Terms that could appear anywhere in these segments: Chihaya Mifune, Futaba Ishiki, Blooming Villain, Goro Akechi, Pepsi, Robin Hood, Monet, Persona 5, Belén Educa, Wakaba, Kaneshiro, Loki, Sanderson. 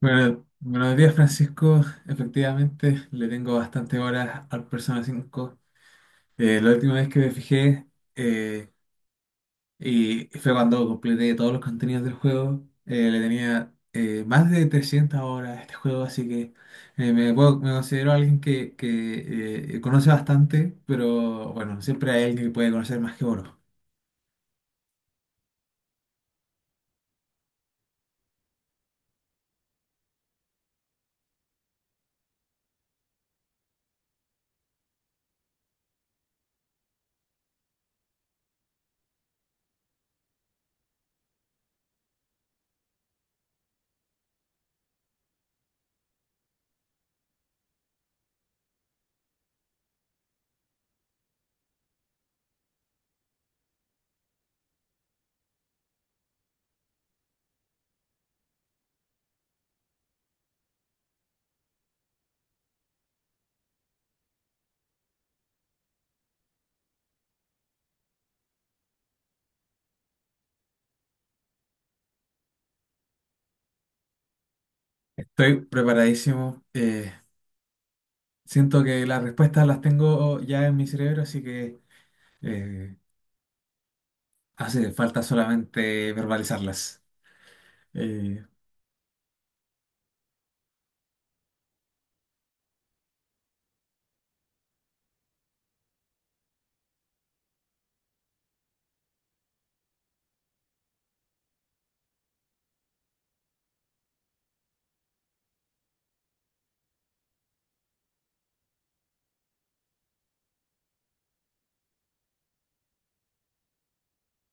Bueno, buenos días, Francisco. Efectivamente, le tengo bastante horas al Persona 5. La última vez que me fijé eh, y fue cuando completé todos los contenidos del juego. Le tenía más de 300 horas a este juego, así que me considero alguien que conoce bastante, pero bueno, siempre hay alguien que puede conocer más que uno. Estoy preparadísimo. Siento que las respuestas las tengo ya en mi cerebro, así que... eh, hace falta solamente verbalizarlas. Eh,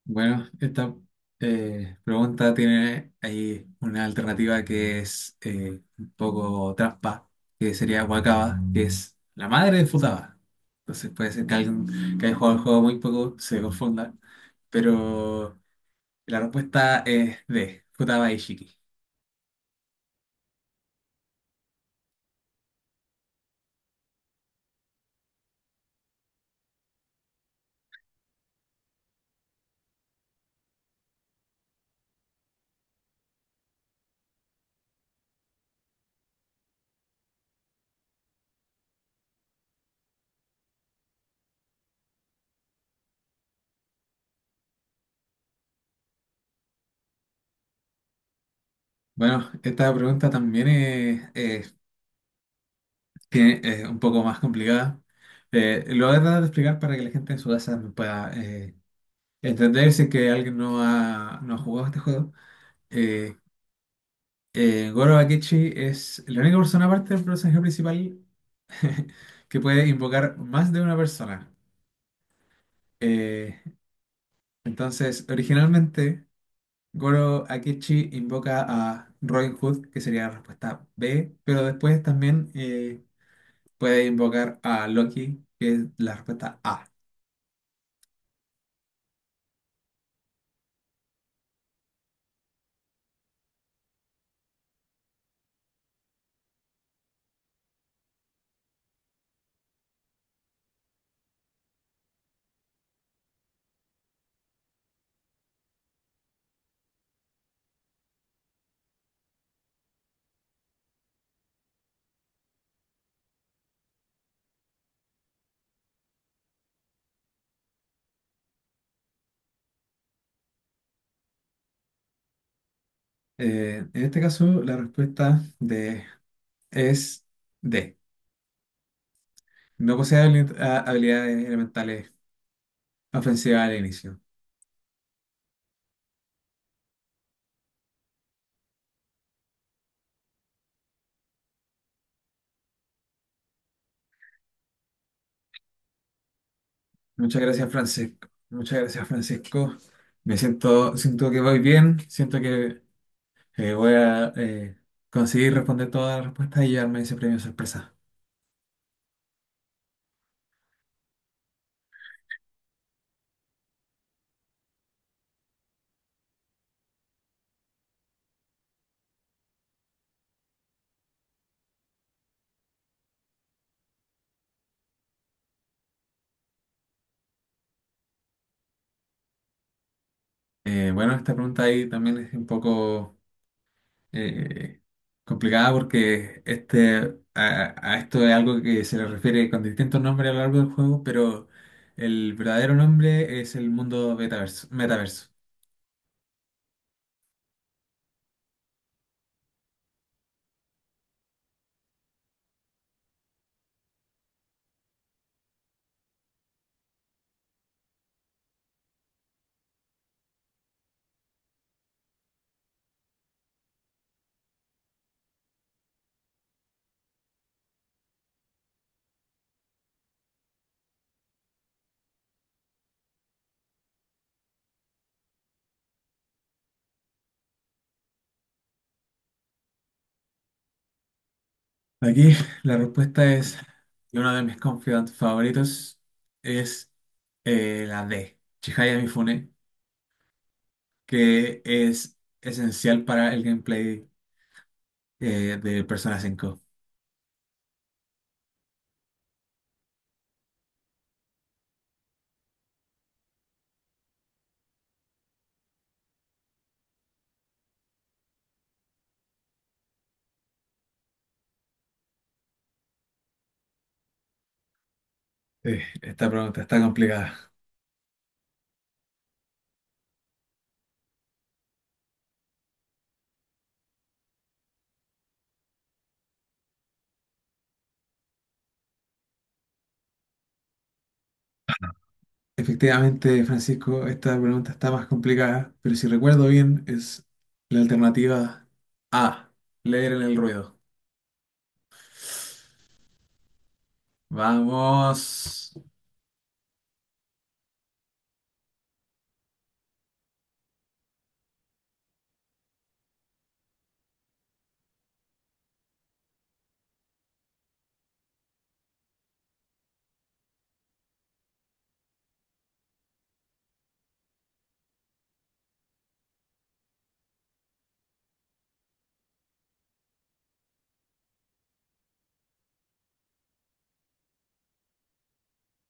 bueno, esta pregunta tiene ahí una alternativa que es un poco trampa, que sería Wakaba, que es la madre de Futaba. Entonces puede ser que alguien que haya jugado el juego muy poco se confunda, pero la respuesta es D, Futaba Ishiki. Bueno, esta pregunta también es, que es un poco más complicada. Lo voy a tratar de explicar para que la gente en su casa me pueda entender si es que alguien no ha jugado este juego. Eh, Goro Akechi es la única persona aparte del personaje principal que puede invocar más de una persona. Eh, entonces, originalmente, Goro Akechi invoca a Robin Hood, que sería la respuesta B, pero después también puede invocar a Loki, que es la respuesta A. En este caso, la respuesta de es D. No posee habili- a- habilidades elementales ofensivas al inicio. Muchas gracias, Francisco. Muchas gracias, Francisco. Siento que voy bien. Siento que voy a conseguir responder todas las respuestas y llevarme ese premio sorpresa. Bueno, esta pregunta ahí también es un poco. eh, complicada porque a esto es algo que se le refiere con distintos nombres a lo largo del juego, pero el verdadero nombre es el mundo metaverso. Aquí la respuesta es, y uno de mis confidants favoritos es la D, Chihaya Mifune, que es esencial para el gameplay de Persona 5. Sí, esta pregunta está complicada. Efectivamente, Francisco, esta pregunta está más complicada, pero si recuerdo bien, es la alternativa A, leer en el ruido. Vamos.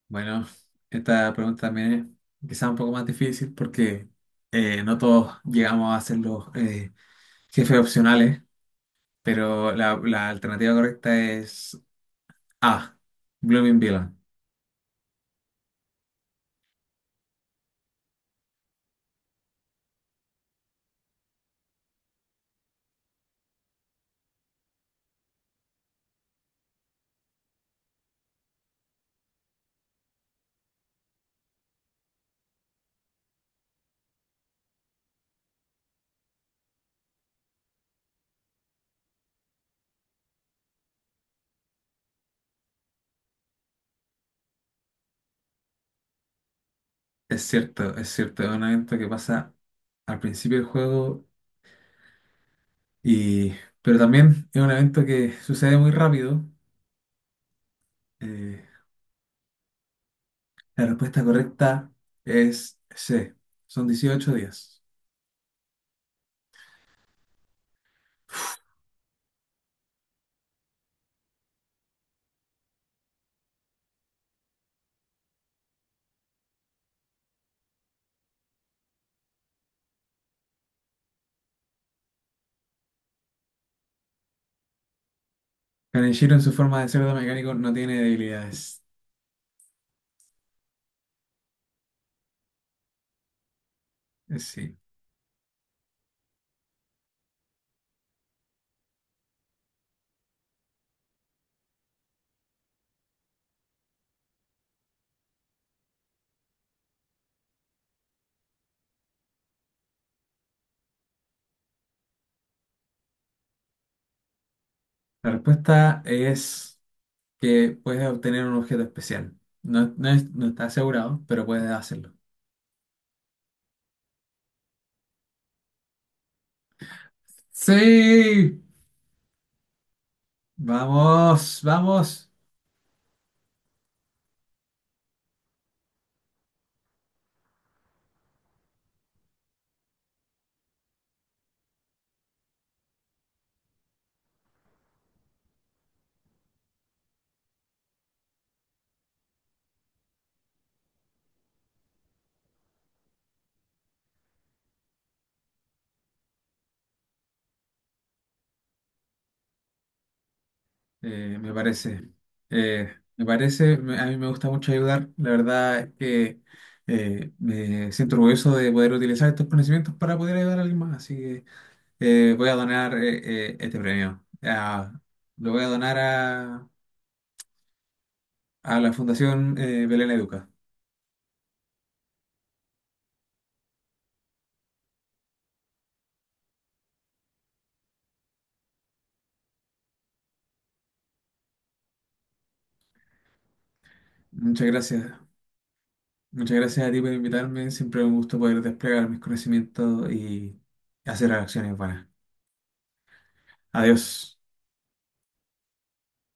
Bueno, esta pregunta también es quizá un poco más difícil porque no todos llegamos a ser los jefes opcionales, pero la alternativa correcta es A, Blooming Villain. Es cierto, es un evento que pasa al principio del juego. Y pero también es un evento que sucede muy rápido. Eh, la respuesta correcta es C. Son 18 días. Kaneshiro en su forma de cerdo mecánico no tiene debilidades. Sí. La respuesta es que puedes obtener un objeto especial. No, no está asegurado, pero puedes hacerlo. Sí. Vamos, vamos. Eh, me parece, me parece, a mí me gusta mucho ayudar. La verdad es que me siento orgulloso de poder utilizar estos conocimientos para poder ayudar a alguien más. Así que voy a donar este premio. Lo voy a donar a la Fundación Belén Educa. Muchas gracias. Muchas gracias a ti por invitarme. Siempre es un gusto poder desplegar mis conocimientos y hacer acciones buenas. Adiós.